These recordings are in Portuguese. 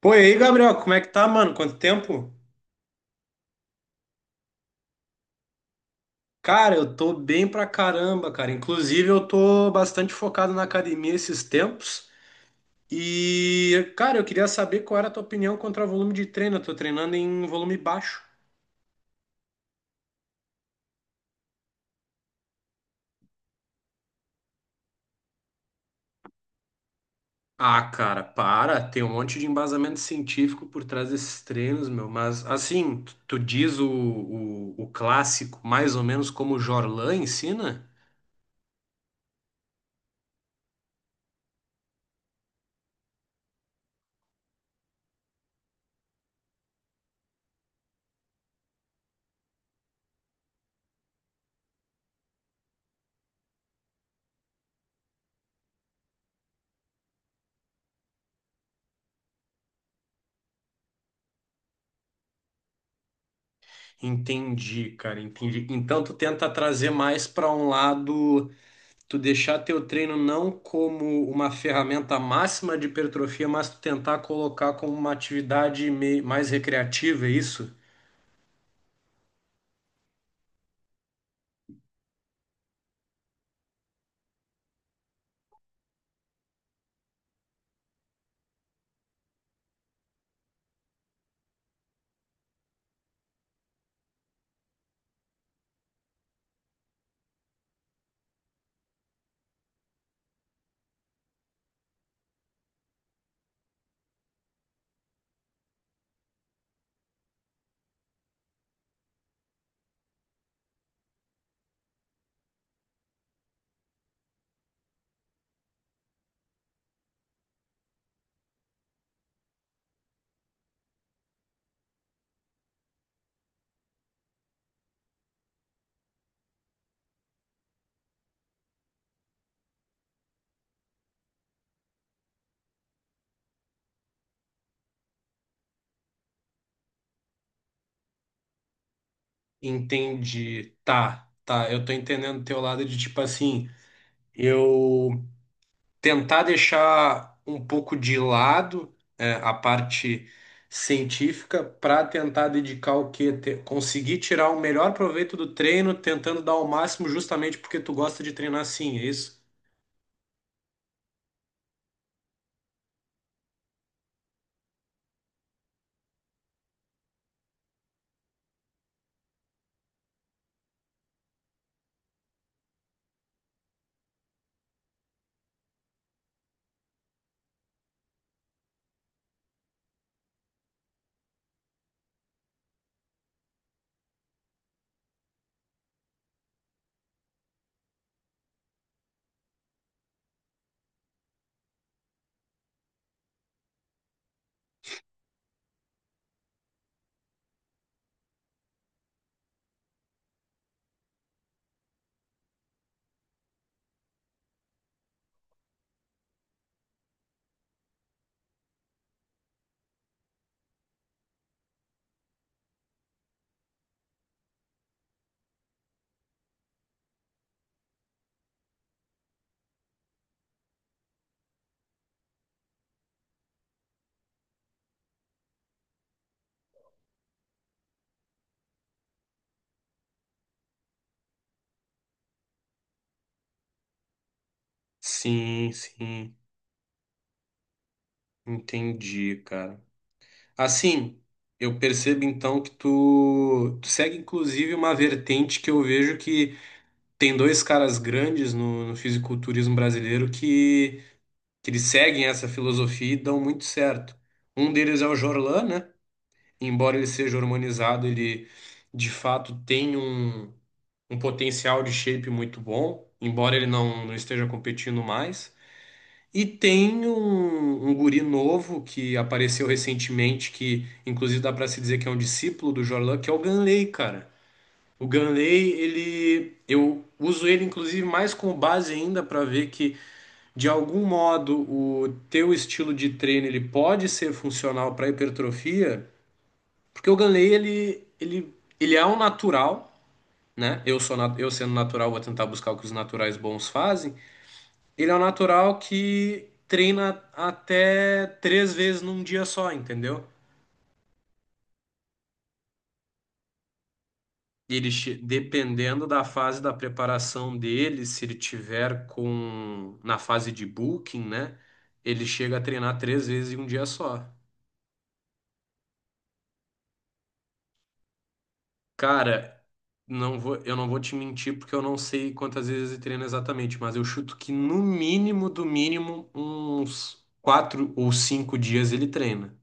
Pô, e aí, Gabriel, como é que tá, mano? Quanto tempo? Cara, eu tô bem pra caramba, cara. Inclusive, eu tô bastante focado na academia esses tempos. E, cara, eu queria saber qual era a tua opinião contra o volume de treino. Eu tô treinando em volume baixo. Ah, cara, para. Tem um monte de embasamento científico por trás desses treinos, meu. Mas, assim, tu diz o clássico mais ou menos como o Jorlan ensina? Entendi, cara, entendi. Então, tu tenta trazer mais pra um lado. Tu deixar teu treino não como uma ferramenta máxima de hipertrofia, mas tu tentar colocar como uma atividade mais recreativa, é isso? Entendi. Tá, tá. Eu tô entendendo teu lado de tipo assim, eu tentar deixar um pouco de lado a parte científica para tentar dedicar o quê? Conseguir tirar o melhor proveito do treino, tentando dar o máximo justamente porque tu gosta de treinar assim, é isso? Sim, sim. Entendi, cara. Assim, eu percebo então que tu segue inclusive uma vertente que eu vejo que tem dois caras grandes no fisiculturismo brasileiro que eles seguem essa filosofia e dão muito certo. Um deles é o Jorlan, né? Embora ele seja hormonizado, ele de fato tem um potencial de shape muito bom, embora ele não esteja competindo mais. E tem um guri novo que apareceu recentemente, que inclusive dá pra se dizer que é um discípulo do Jorlan, que é o Ganley, cara. O Ganley, ele, eu uso ele inclusive mais como base ainda pra ver que de algum modo o teu estilo de treino ele pode ser funcional pra hipertrofia, porque o Ganley ele é um natural, né? Eu sou eu sendo natural vou tentar buscar o que os naturais bons fazem, ele é um natural que treina até três vezes num dia só, entendeu? Ele, dependendo da fase da preparação dele, se ele tiver com na fase de booking, né? Ele chega a treinar três vezes em um dia só. Cara, eu não vou te mentir porque eu não sei quantas vezes ele treina exatamente, mas eu chuto que no mínimo, do mínimo, uns quatro ou cinco dias ele treina.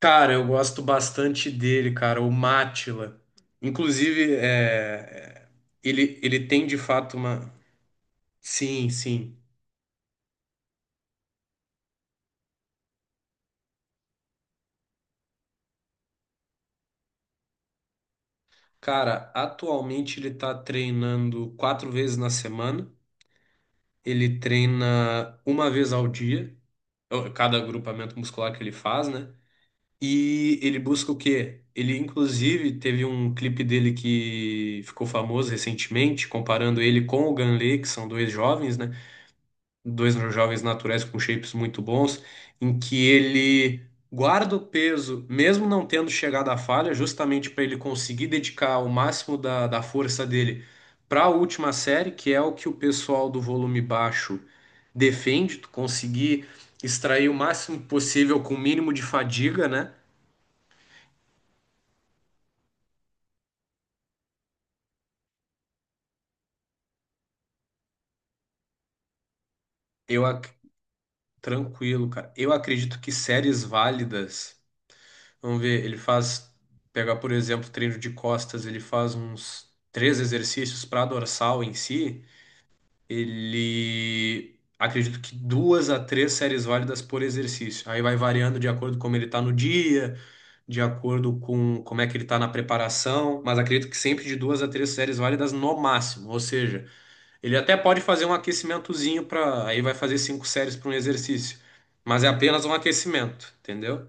Cara, eu gosto bastante dele, cara, o Mátila. Inclusive, ele tem de fato uma. Sim, sim. Cara, atualmente ele tá treinando quatro vezes na semana. Ele treina uma vez ao dia, ó, cada agrupamento muscular que ele faz, né? E ele busca o quê? Ele, inclusive, teve um clipe dele que ficou famoso recentemente, comparando ele com o Ganley, que são dois jovens, né? Dois jovens naturais com shapes muito bons, em que ele guarda o peso, mesmo não tendo chegado à falha, justamente para ele conseguir dedicar o máximo da força dele para a última série, que é o que o pessoal do volume baixo defende, tu conseguir extrair o máximo possível com o mínimo de fadiga, né? Eu ac- Tranquilo, cara. Eu acredito que séries válidas. Vamos ver, pegar por exemplo, treino de costas, ele faz uns três exercícios para dorsal em si. Ele acredito que duas a três séries válidas por exercício. Aí vai variando de acordo com como ele está no dia, de acordo com como é que ele está na preparação, mas acredito que sempre de duas a três séries válidas no máximo. Ou seja, ele até pode fazer um aquecimentozinho para, aí vai fazer cinco séries para um exercício, mas é apenas um aquecimento, entendeu?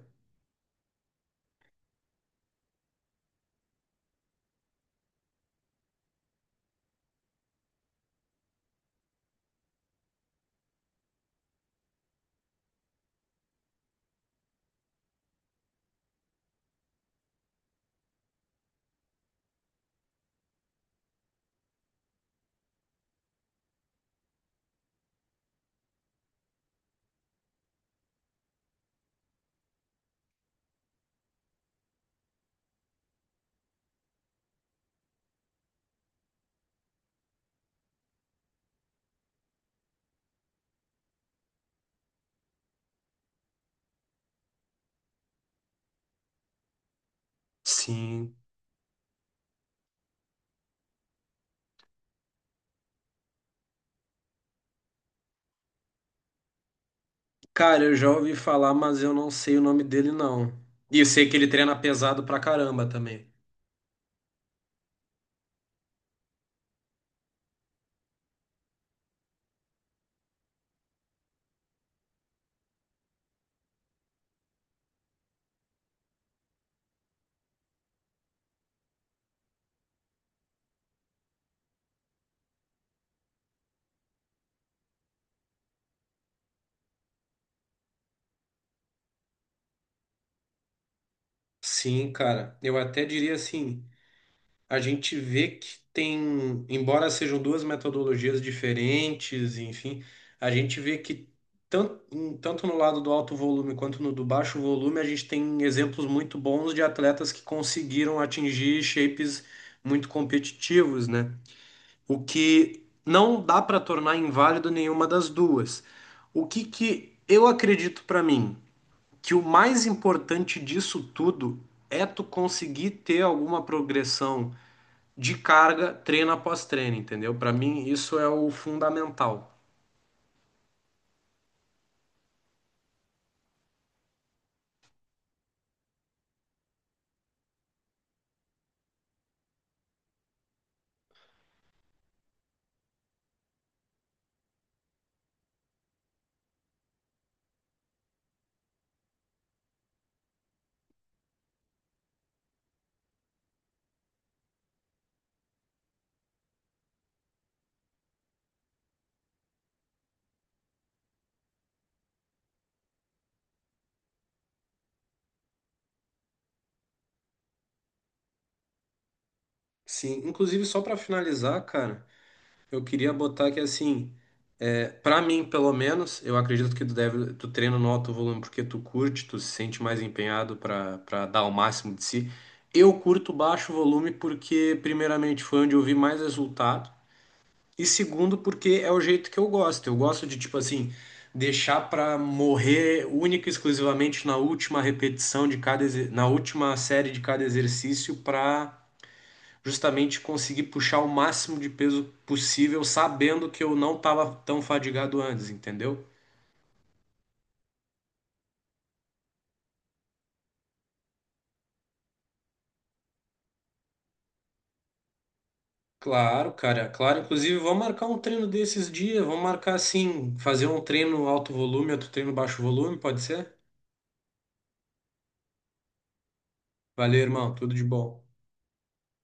Sim. Cara, eu já ouvi falar, mas eu não sei o nome dele, não. E eu sei que ele treina pesado pra caramba também. Sim, cara. Eu até diria assim, a gente vê que tem, embora sejam duas metodologias diferentes, enfim, a gente vê que tanto no lado do alto volume quanto no do baixo volume, a gente tem exemplos muito bons de atletas que conseguiram atingir shapes muito competitivos, né? O que não dá para tornar inválido nenhuma das duas. O que que eu acredito para mim, que o mais importante disso tudo é tu conseguir ter alguma progressão de carga treino após treino, entendeu? Para mim isso é o fundamental. Sim, inclusive só para finalizar, cara, eu queria botar que assim, para mim pelo menos, eu acredito que tu deve, tu treina no alto volume porque tu curte, tu se sente mais empenhado para dar o máximo de si. Eu curto baixo volume porque primeiramente foi onde eu vi mais resultado e segundo porque é o jeito que eu gosto. Eu gosto de tipo assim, deixar para morrer única e exclusivamente na última repetição de cada na última série de cada exercício para justamente conseguir puxar o máximo de peso possível, sabendo que eu não estava tão fadigado antes, entendeu? Claro, cara, claro. Inclusive, vamos marcar um treino desses dias. Vamos marcar assim, fazer um treino alto volume, outro treino baixo volume, pode ser? Valeu, irmão. Tudo de bom.